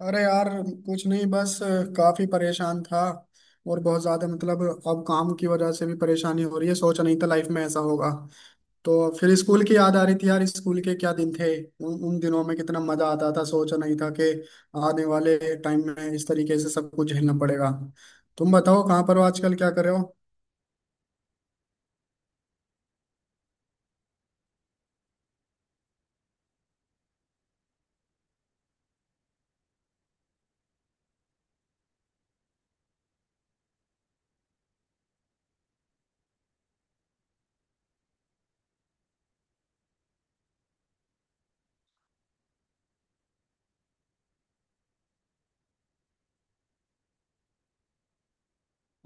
अरे यार, कुछ नहीं। बस काफी परेशान था। और बहुत ज्यादा मतलब, अब काम की वजह से भी परेशानी हो रही है। सोचा नहीं था लाइफ में ऐसा होगा। तो फिर स्कूल की याद आ रही थी यार, स्कूल के क्या दिन थे। उन उन दिनों में कितना मजा आता था। सोचा नहीं था कि आने वाले टाइम में इस तरीके से सब कुछ झेलना पड़ेगा। तुम बताओ, कहाँ पर हो आजकल, क्या कर रहे हो।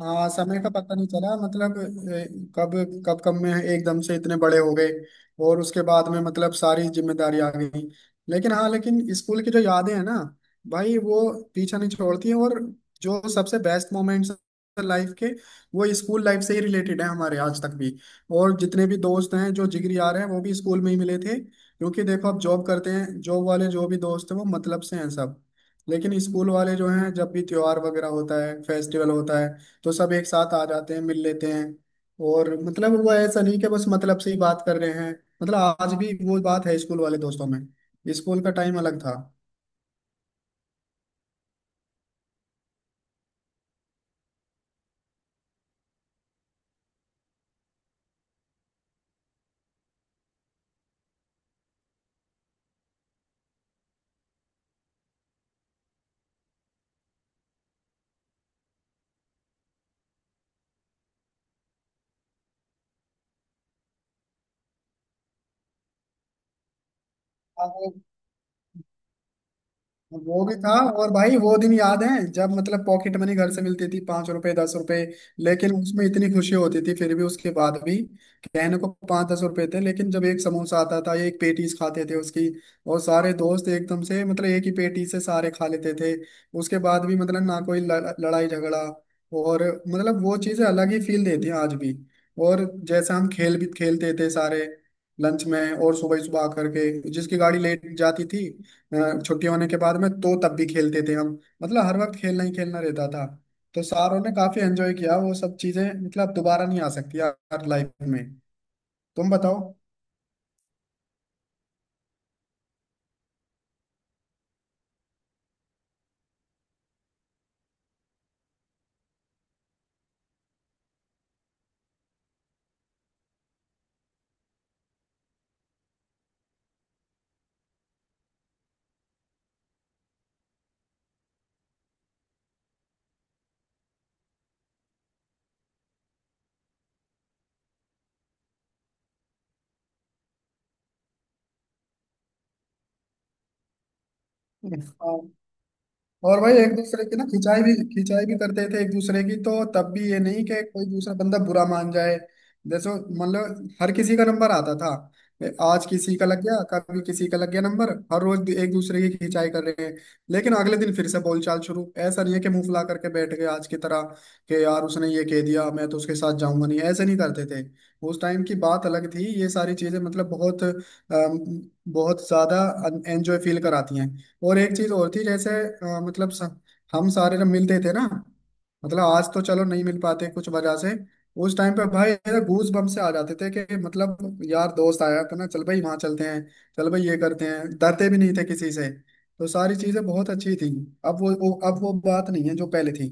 हाँ, समय का पता नहीं चला। मतलब कब कब कब में एकदम से इतने बड़े हो गए। और उसके बाद में मतलब सारी जिम्मेदारी आ गई। लेकिन हाँ, लेकिन स्कूल की जो यादें हैं ना भाई, वो पीछा नहीं छोड़ती हैं। और जो सबसे बेस्ट मोमेंट्स लाइफ के, वो स्कूल लाइफ से ही रिलेटेड है हमारे आज तक भी। और जितने भी दोस्त हैं, जो जिगरी यार हैं, वो भी स्कूल में ही मिले थे। क्योंकि देखो, अब जॉब करते हैं, जॉब वाले जो भी दोस्त हैं वो मतलब से हैं सब। लेकिन स्कूल वाले जो हैं, जब भी त्योहार वगैरह होता है, फेस्टिवल होता है, तो सब एक साथ आ जाते हैं, मिल लेते हैं। और मतलब वो ऐसा नहीं कि बस मतलब से ही बात कर रहे हैं। मतलब आज भी वो बात है स्कूल वाले दोस्तों में। स्कूल का टाइम अलग था। हाँ, वो भी था। और भाई वो दिन याद है जब मतलब पॉकेट मनी घर से मिलती थी, 5 रुपए, 10 रुपए। लेकिन उसमें इतनी खुशी होती थी। फिर भी, उसके बाद भी कहने को 5-10 रुपए थे, लेकिन जब एक समोसा आता था, एक पेटीज खाते थे उसकी, और सारे दोस्त एकदम से मतलब एक ही पेटी से सारे खा लेते थे। उसके बाद भी मतलब ना कोई लड़ाई झगड़ा। और मतलब वो चीजें अलग ही फील देती हैं आज भी। और जैसा हम खेल भी खेलते थे सारे लंच में, और सुबह सुबह आकर के जिसकी गाड़ी लेट जाती थी, छुट्टी होने के बाद में तो तब भी खेलते थे हम। मतलब हर वक्त खेलना ही खेलना रहता था। तो सारों ने काफी एंजॉय किया। वो सब चीजें मतलब दोबारा नहीं आ सकती यार लाइफ में। तुम बताओ। हाँ। और भाई एक दूसरे की ना खिंचाई भी, खिंचाई भी करते थे एक दूसरे की। तो तब भी ये नहीं कि कोई दूसरा बंदा बुरा मान जाए। जैसे मतलब हर किसी का नंबर आता था। आज किसी का लग गया, कभी किसी का लग गया नंबर, हर रोज एक दूसरे की खिंचाई कर रहे हैं। लेकिन अगले दिन फिर से बोलचाल शुरू। ऐसा नहीं है कि मुंह फुला करके बैठ गए आज की तरह, कि यार उसने ये कह दिया, मैं तो उसके साथ जाऊंगा नहीं। ऐसे नहीं करते थे। उस टाइम की बात अलग थी। ये सारी चीजें मतलब बहुत बहुत ज्यादा एंजॉय फील कराती हैं। और एक चीज और थी, जैसे मतलब हम सारे जब मिलते थे ना, मतलब आज तो चलो नहीं मिल पाते कुछ वजह से, उस टाइम पे भाई गूज बम से आ जाते थे कि मतलब यार दोस्त आया तो ना, चल भाई वहां चलते हैं, चल भाई ये करते हैं। डरते भी नहीं थे किसी से। तो सारी चीजें बहुत अच्छी थी। अब वो बात नहीं है जो पहले थी।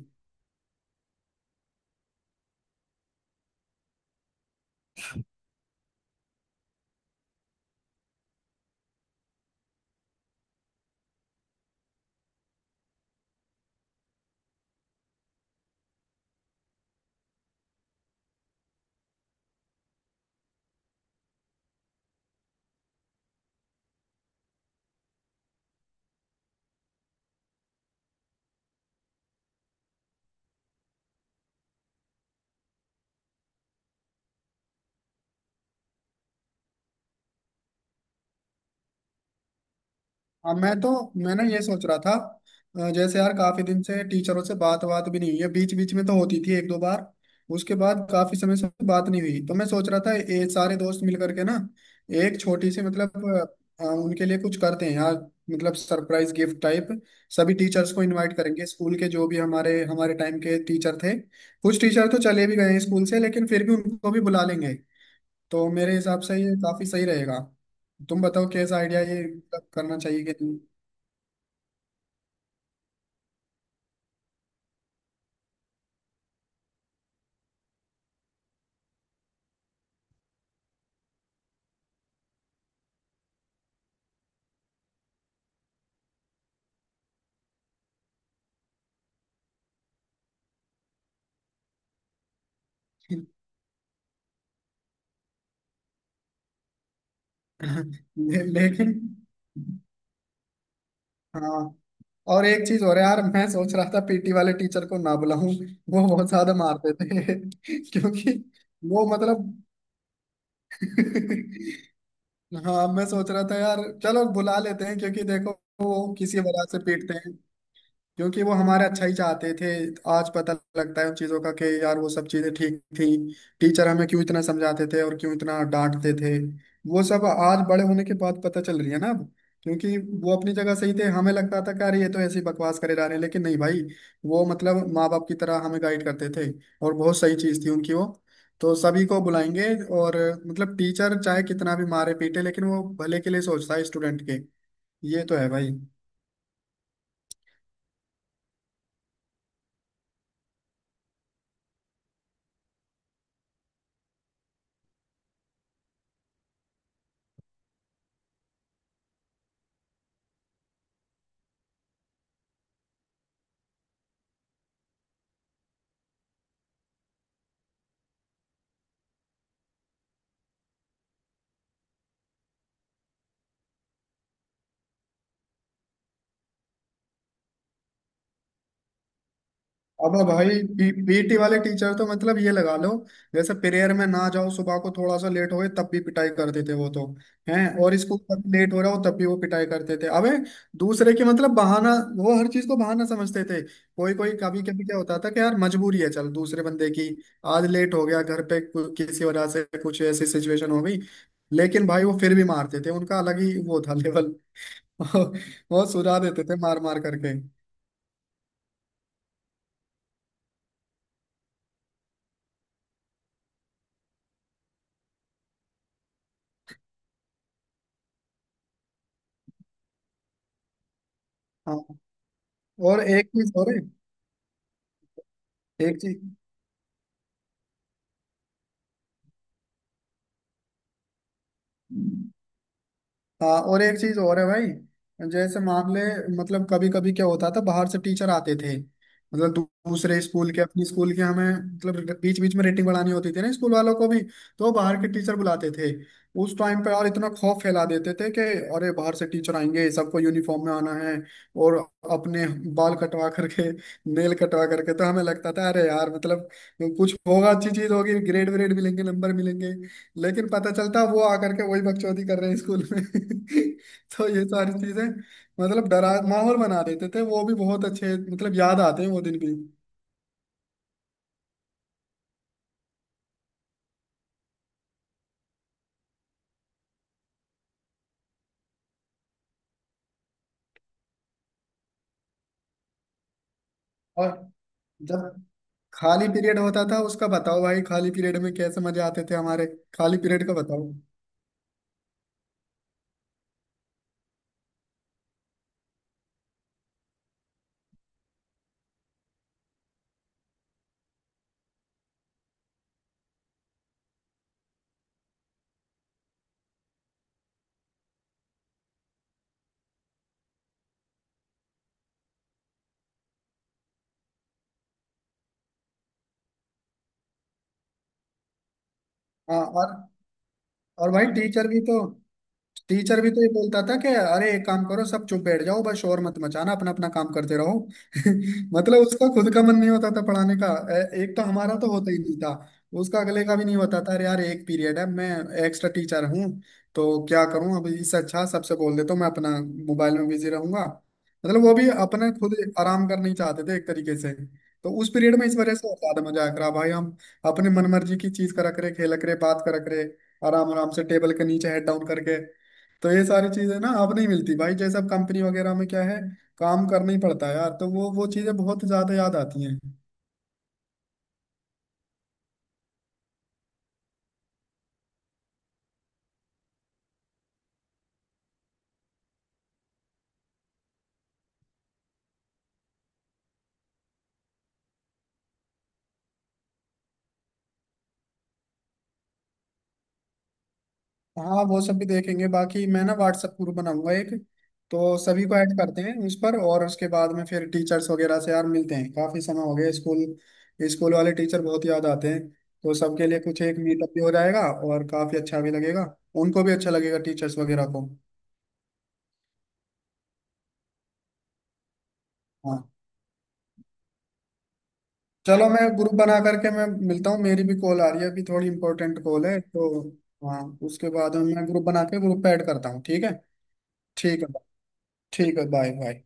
हाँ। मैं ना ये सोच रहा था, जैसे यार काफी दिन से टीचरों से बात बात भी नहीं हुई है। बीच बीच में तो होती थी एक दो बार। उसके बाद काफी समय से बात नहीं हुई। तो मैं सोच रहा था, ये सारे दोस्त मिल करके ना एक छोटी सी मतलब उनके लिए कुछ करते हैं यार। मतलब सरप्राइज गिफ्ट टाइप। सभी टीचर्स को इनवाइट करेंगे स्कूल के, जो भी हमारे हमारे टाइम के टीचर थे। कुछ टीचर तो चले भी गए हैं स्कूल से, लेकिन फिर भी उनको भी बुला लेंगे। तो मेरे हिसाब से ये काफी सही रहेगा। तुम बताओ, कैसा आइडिया, ये मतलब करना चाहिए कि नहीं। ले, लेकिन हाँ। और एक चीज और है यार, मैं सोच रहा था पीटी वाले टीचर को ना बुलाऊं। वो बहुत ज्यादा मारते थे। क्योंकि वो मतलब। हाँ, मैं सोच रहा था यार चलो बुला लेते हैं। क्योंकि देखो, वो किसी वजह से पीटते हैं, क्योंकि वो हमारा अच्छा ही चाहते थे। आज पता लगता है उन चीजों का कि यार वो सब चीजें ठीक थी। टीचर हमें क्यों इतना समझाते थे और क्यों इतना डांटते थे, वो सब आज बड़े होने के बाद पता चल रही है ना अब। क्योंकि वो अपनी जगह सही थे। हमें लगता था कि अरे, ये तो ऐसी बकवास करे जा रहे हैं, लेकिन नहीं भाई। वो मतलब माँ बाप की तरह हमें गाइड करते थे। और बहुत सही चीज थी उनकी वो। तो सभी को बुलाएंगे। और मतलब टीचर चाहे कितना भी मारे पीटे, लेकिन वो भले के लिए सोचता है स्टूडेंट के। ये तो है भाई। अब भाई पीटी वाले टीचर तो मतलब ये लगा लो, जैसे प्रेयर में ना जाओ, सुबह को थोड़ा सा लेट हो गए, तब भी पिटाई करते थे वो तो। हैं। और स्कूल तक लेट हो रहा हो तब भी वो पिटाई करते थे। अबे दूसरे के मतलब बहाना, वो हर चीज को बहाना समझते थे। कोई कोई कभी कभी क्या होता था कि यार मजबूरी है चल, दूसरे बंदे की आज लेट हो गया, घर पे किसी वजह से कुछ ऐसी सिचुएशन हो गई। लेकिन भाई वो फिर भी मारते थे। उनका अलग ही वो था लेवल। वो सुझा देते थे मार मार करके। हाँ और एक चीज और है। एक चीज हाँ और एक चीज और है भाई, जैसे मान ले, मतलब कभी कभी क्या होता था बाहर से टीचर आते थे। मतलब दूसरे स्कूल के, अपने स्कूल के, हमें मतलब, बीच बीच में रेटिंग बढ़ानी होती थी ना स्कूल वालों को भी। तो बाहर के टीचर बुलाते थे उस टाइम पे, और इतना खौफ फैला देते थे कि अरे बाहर से टीचर आएंगे, सबको यूनिफॉर्म में आना है, और अपने बाल कटवा करके, नेल कटवा करके। तो हमें लगता था अरे यार मतलब कुछ होगा, अच्छी चीज होगी, ग्रेड व्रेड मिलेंगे, नंबर मिलेंगे। लेकिन पता चलता वो आकर के वही बकचोदी कर रहे हैं स्कूल में। तो ये सारी चीजें मतलब डरा माहौल बना देते थे वो भी, बहुत अच्छे मतलब याद आते हैं वो दिन भी। और जब खाली पीरियड होता था, उसका बताओ भाई खाली पीरियड में कैसे मजे आते थे हमारे। खाली पीरियड का बताओ। हाँ और भाई टीचर भी तो ये बोलता था कि अरे एक काम करो, सब चुप बैठ जाओ, बस शोर मत मचाना, अपना अपना काम करते रहो। मतलब उसका खुद का मन नहीं होता था पढ़ाने का। एक तो हमारा तो होता ही नहीं था, उसका अगले का भी नहीं होता था। अरे यार एक पीरियड है, मैं एक्स्ट्रा टीचर हूँ, तो क्या करूँ, अब इससे अच्छा सबसे बोल देता हूँ, मैं अपना मोबाइल में बिजी रहूंगा। मतलब वो भी अपना खुद आराम करना ही चाहते थे एक तरीके से। तो उस पीरियड में इस वजह से और ज्यादा मजा आया करा भाई हम अपने मनमर्जी की चीज करा करे, खेला करे, बात करा करे, आराम आराम से टेबल के नीचे हेड डाउन करके। तो ये सारी चीजें ना अब नहीं मिलती भाई। जैसे अब कंपनी वगैरह में क्या है, काम करना ही पड़ता है यार। तो वो चीजें बहुत ज्यादा याद आती हैं। हाँ, वो सब भी देखेंगे। बाकी मैं ना व्हाट्सएप ग्रुप बनाऊंगा एक, तो सभी को ऐड करते हैं उस पर। और उसके बाद में फिर टीचर्स वगैरह से यार मिलते हैं, काफी समय हो गया, स्कूल स्कूल वाले टीचर बहुत याद आते हैं। तो सबके लिए कुछ एक मीटअप भी हो जाएगा, और काफी अच्छा भी लगेगा। उनको भी अच्छा लगेगा टीचर्स वगैरह को। हाँ। चलो मैं ग्रुप बना करके मैं मिलता हूँ, मेरी भी कॉल आ रही है अभी, थोड़ी इंपॉर्टेंट कॉल है। तो हाँ, उसके बाद में मैं ग्रुप बना के ग्रुप पे ऐड करता हूँ। ठीक है। ठीक है, ठीक है। Bye bye.